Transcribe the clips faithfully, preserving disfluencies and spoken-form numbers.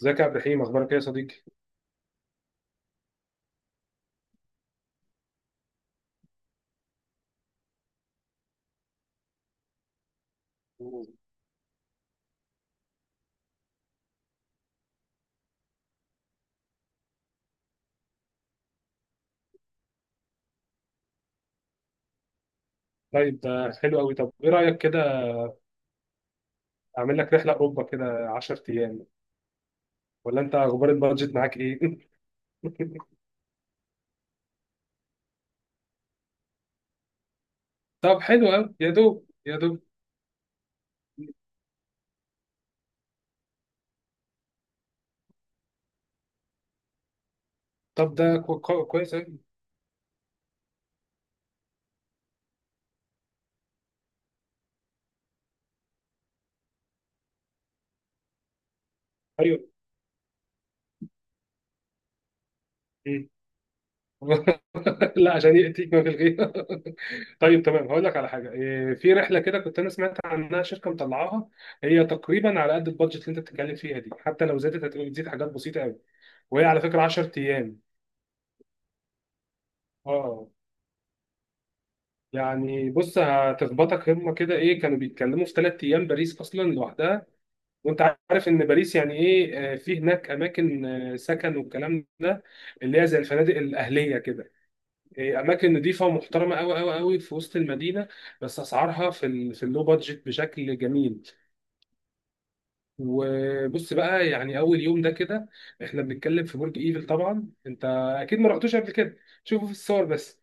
ازيك يا عبد الرحيم، اخبارك ايه يا صديقي؟ طيب ده حلو قوي. طب ايه رايك كده، اعمل لك رحله اوروبا كده عشرة أيام ايام؟ ولا انت اخبار البادجت معاك ايه؟ طب حلو قوي، يا دوب يا دوب. طب ده كو- كو- كويس قوي. ايوه. مم. لا، عشان ياتيك ما في الغيره. طيب تمام، هقول لك على حاجه إيه، في رحله كده كنت انا سمعت عنها، شركه مطلعاها. هي تقريبا على قد البادجت اللي انت بتتكلم فيها دي، حتى لو زادت هتبقى بتزيد حاجات بسيطه قوي. وهي على فكره عشر أيام ايام. اه. يعني بص، هتخبطك هما كده ايه، كانوا بيتكلموا في ثلاث ايام باريس اصلا لوحدها. وانت عارف ان باريس يعني ايه. آه، في هناك اماكن، آه، سكن والكلام ده، اللي هي زي الفنادق الاهليه كده. إيه، اماكن نظيفه ومحترمه قوي قوي قوي، في وسط المدينه، بس اسعارها في ال في اللو بادجت بشكل جميل. وبص بقى، يعني اول يوم ده كده احنا بنتكلم في برج ايفل. طبعا انت اكيد ما رحتوش قبل كده، شوفوا في الصور بس.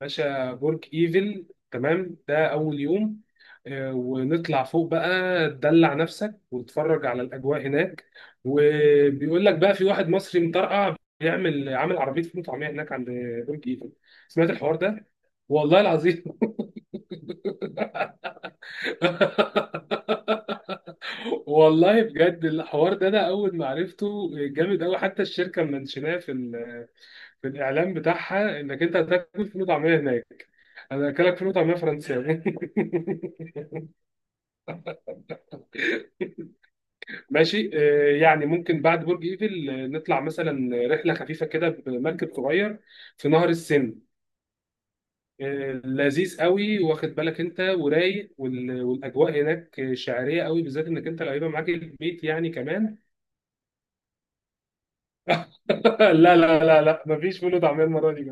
باشا، برج ايفل تمام، ده اول يوم. آه، ونطلع فوق بقى، تدلع نفسك وتتفرج على الاجواء هناك. وبيقول لك بقى في واحد مصري مطرقع بيعمل، عامل عربيه فول وطعميه هناك عند برج ايفل. سمعت الحوار ده؟ والله العظيم. والله بجد الحوار ده انا اول ما عرفته جامد قوي، حتى الشركه منشناه في في الإعلان بتاعها، إنك أنت هتاكل فول وطعمية هناك. أنا أكلك فول وطعمية فرنساوي. ماشي، آه، يعني ممكن بعد برج إيفل آه، نطلع مثلا رحلة خفيفة كده بمركب صغير في نهر السن. آه، لذيذ قوي، واخد بالك أنت ورايق، وال- والأجواء هناك آه، شعرية قوي، بالذات إنك أنت اللي هيبقى معاك البيت يعني كمان. لا لا لا لا، مفيش فول وطعمية المرة دي.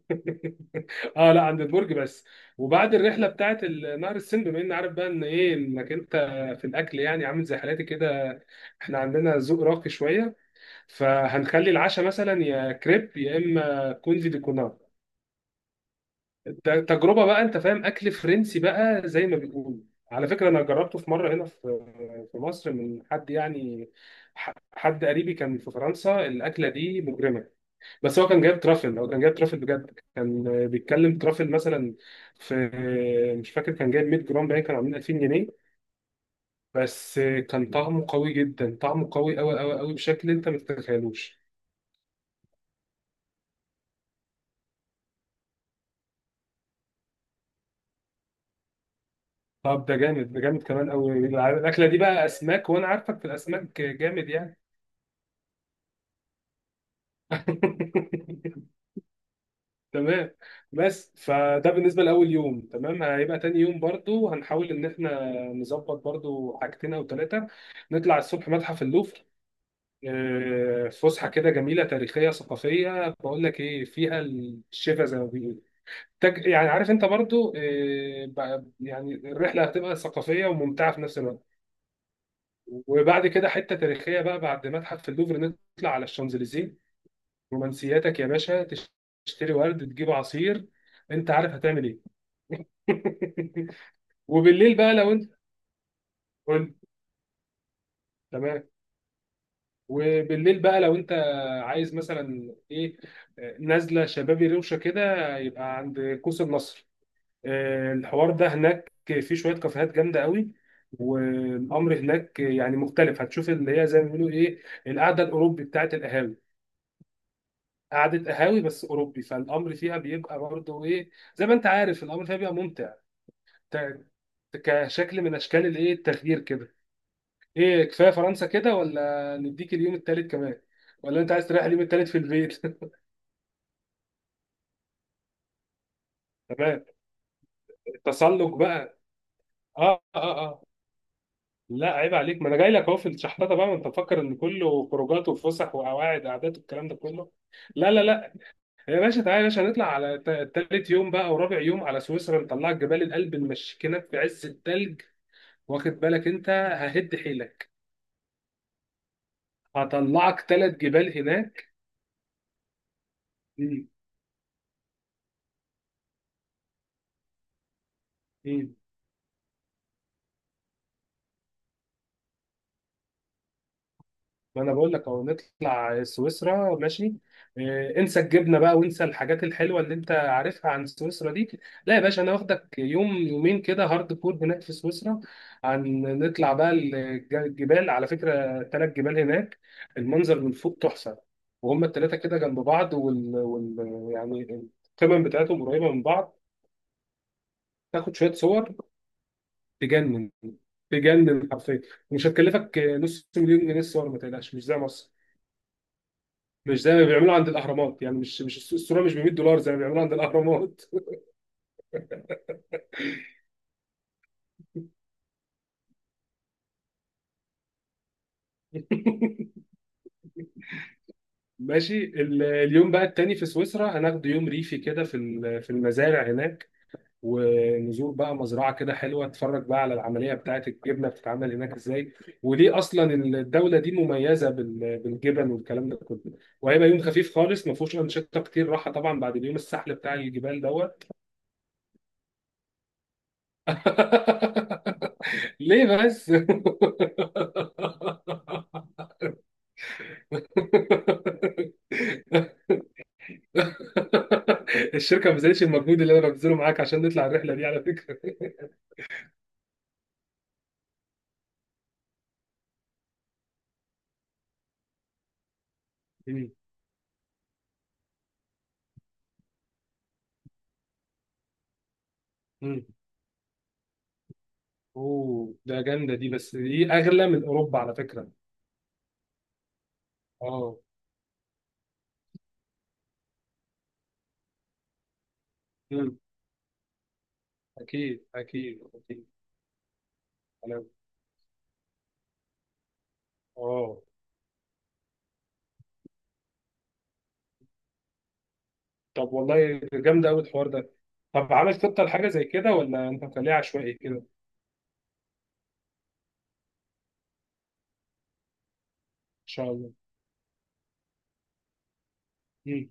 اه، لا، عند البرج بس. وبعد الرحله بتاعت ال- نهر السن، بما اني عارف بقى ان ايه، انك انت في الاكل يعني عامل زي حالاتي كده، احنا عندنا ذوق راقي شويه، فهنخلي العشاء مثلا يا كريب يا اما كوندي دي كونار. ت- تجربه بقى، انت فاهم، اكل فرنسي بقى زي ما بيقولوا. على فكره انا جربته في مره هنا في في مصر من حد يعني، ح- حد قريبي كان في فرنسا. الاكله دي مجرمه. بس هو كان جايب ترافل، هو كان جايب ترافل بجد، كان آه، بيتكلم ترافل مثلا في، آه، مش فاكر كان جايب 100 جرام، باين كانوا عاملين ألفين جنيه. بس آه، كان طعمه قوي جدا، طعمه قوي قوي قوي قوي بشكل انت ما تتخيلوش. طب ده جامد، ده جامد كمان قوي، الاكله دي بقى اسماك وانا عارفك في الاسماك جامد يعني. تمام. بس فده بالنسبه لاول يوم تمام. هيبقى تاني يوم برضو هنحاول ان احنا نظبط برضو حاجتين او ثلاثه. نطلع الصبح متحف اللوفر. آه، فسحه كده جميله، تاريخيه ثقافيه، بقول لك ايه فيها، الشفا زي ما بيقولوا. تج- يعني عارف انت برضو، آه، بقى- يعني الرحله هتبقى ثقافيه وممتعه في نفس الوقت. وبعد كده حته تاريخيه بقى، بعد متحف اللوفر نطلع على الشانزليزيه. رومانسياتك يا باشا، تشتري ورد، تجيب عصير، انت عارف هتعمل ايه. وبالليل بقى لو انت، قول. تمام. وبالليل بقى لو انت عايز مثلا ايه، آه، نازله شبابي روشه كده، يبقى عند قوس النصر. آه، الحوار ده هناك، في شويه كافيهات جامده قوي، والامر هناك يعني مختلف، هتشوف اللي هي زي ما بيقولوا ايه، القعده الاوروبي بتاعت القهاوي. قعده قهاوي بس اوروبي، فالامر فيها بيبقى برضه ايه، زي ما انت عارف، الامر فيها بيبقى ممتع. ت- كشكل من اشكال الايه، التغيير كده. ايه، كفايه فرنسا كده ولا نديك اليوم التالت كمان، ولا انت عايز تريح اليوم التالت في البيت؟ تمام، التسلق بقى. اه اه اه، لا عيب عليك، ما انا جاي لك اهو في الشحطه بقى، ما انت مفكر ان كله خروجات وفسح وقواعد قعدات والكلام ده كله. لا لا لا، يا باشا تعالى، يا باشا نطلع على تا- تالت يوم بقى ورابع يوم على سويسرا، نطلعك جبال الألب نمشيكنك في عز التلج. واخد بالك انت، ههد حيلك. هطلعك تلات جبال هناك. مم. مم. ما انا بقول لك اهو نطلع سويسرا ماشي. آه، انسى الجبنه بقى، وانسى الحاجات الحلوه اللي انت عارفها عن سويسرا دي. لا يا باشا، انا واخدك يوم يومين كده هارد كور هناك في سويسرا. عن نطلع بقى الج- الجبال، على فكره ثلاث جبال هناك، المنظر من فوق تحفه. وهما الثلاثه كده جنب بعض، وال... وال... يعني القمم بتاعتهم قريبه من بعض. تاخد شويه صور، تجنن، تجنن حرفيا. مش هتكلفك نص مليون جنيه الصور ما تقلقش، مش زي مصر، مش زي ما بيعملوا عند الاهرامات، يعني مش مش الصوره مش ب مية دولار زي ما بيعملوا عند الاهرامات. ماشي، ال- اليوم بقى التاني في سويسرا هناخد يوم ريفي كده في ال- في المزارع هناك. ونزور بقى مزرعة كده حلوة، اتفرج بقى على العملية بتاعة الجبنة بتتعمل هناك ازاي، وليه اصلا الدولة دي مميزة بال- بالجبن والكلام ده كله. وهيبقى يوم خفيف خالص ما فيهوش أنشطة كتير، راحة طبعا بعد اليوم السحل بتاع الجبال دوت. ليه بس؟ الشركه ما بذلتش المجهود اللي انا ببذله معاك عشان نطلع الرحله دي على فكره. مم. مم. اوه، ده جامده دي، بس دي اغلى من اوروبا على فكره. اه. مم. اكيد اكيد اكيد. أنا- اه. طب والله جامده قوي الحوار ده. طب عامل خطه لحاجه زي كده ولا انت مخليها عشوائي كده؟ ان شاء الله. مم.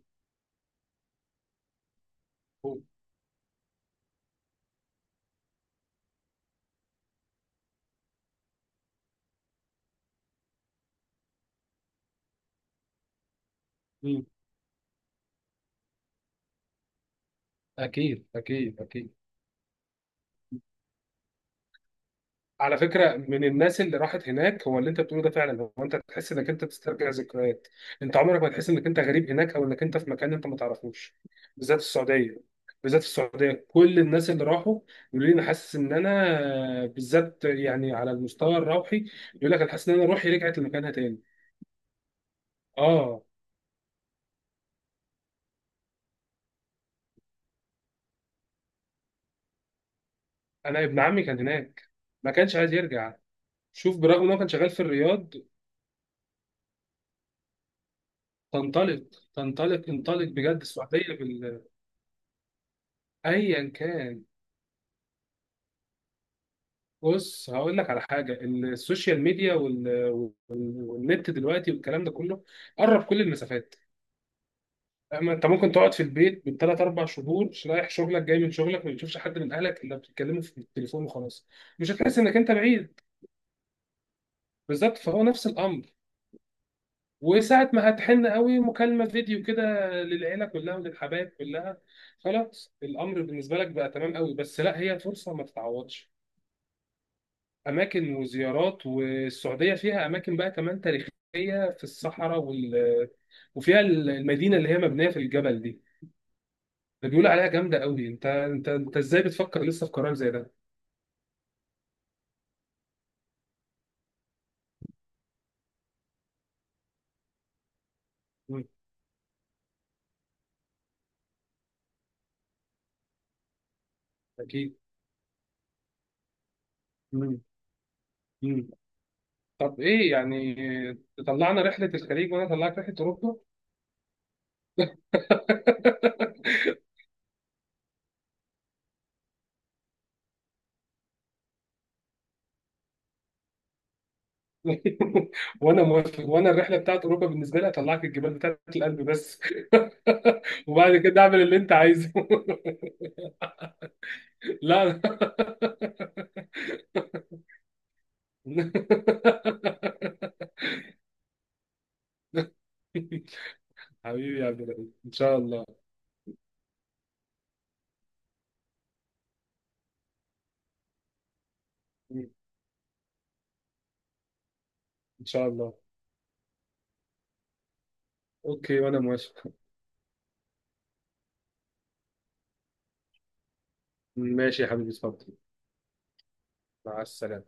مم. اكيد اكيد اكيد. على فكرة من الناس اللي راحت هناك، هو اللي انت بتقوله ده فعلا، هو انت تحس انك انت بتسترجع ذكريات. انت عمرك ما تحس انك انت غريب هناك، او انك انت في مكان انت ما تعرفوش. بالذات في السعودية، بالذات في السعودية كل الناس اللي راحوا يقولوا لي، انا حاسس ان انا بالذات يعني على المستوى الروحي، يقول لك انا حاسس ان انا روحي رجعت لمكانها تاني. اه. انا ابن عمي كان هناك، ما كانش عايز يرجع. شوف برغم ان هو كان شغال في الرياض. تنطلق، تنطلق، انطلق بجد. السعودية بال... ايا كان. بص هقول لك على حاجه، السوشيال ميديا وال... وال... والنت دلوقتي والكلام ده كله قرب كل المسافات. أما انت ممكن تقعد في البيت من ثلاث اربع شهور مش رايح شغلك جاي من شغلك، ما بتشوفش حد من اهلك الا بتتكلموا في التليفون وخلاص. مش هتحس انك انت بعيد. بالظبط، فهو نفس الامر. وساعه ما هتحن قوي، مكالمه فيديو كده للعيله كلها وللحبايب كلها، خلاص الامر بالنسبه لك بقى تمام قوي. بس لا، هي فرصه ما تتعوضش، اماكن وزيارات، والسعوديه فيها اماكن بقى كمان تاريخيه في الصحراء وال... وفيها المدينه اللي هي مبنيه في الجبل دي، ده بيقول عليها جامده قوي. انت انت انت ازاي بتفكر لسه في قرار زي ده؟ مم. اكيد. مم. مم. طب ايه يعني، طلعنا رحله الخليج وانا طلعت رحله اوروبا. وانا موافق، وانا الرحله بتاعت اوروبا بالنسبه لي هطلعك الجبال بتاعت القلب بس. وبعد كده اعمل اللي انت عايزه. لا. حبيبي يا عبد الرحيم ان شاء الله. ان شاء الله. اوكي وانا موافق. ماشي يا حبيبي، اتفضل. مع السلامه.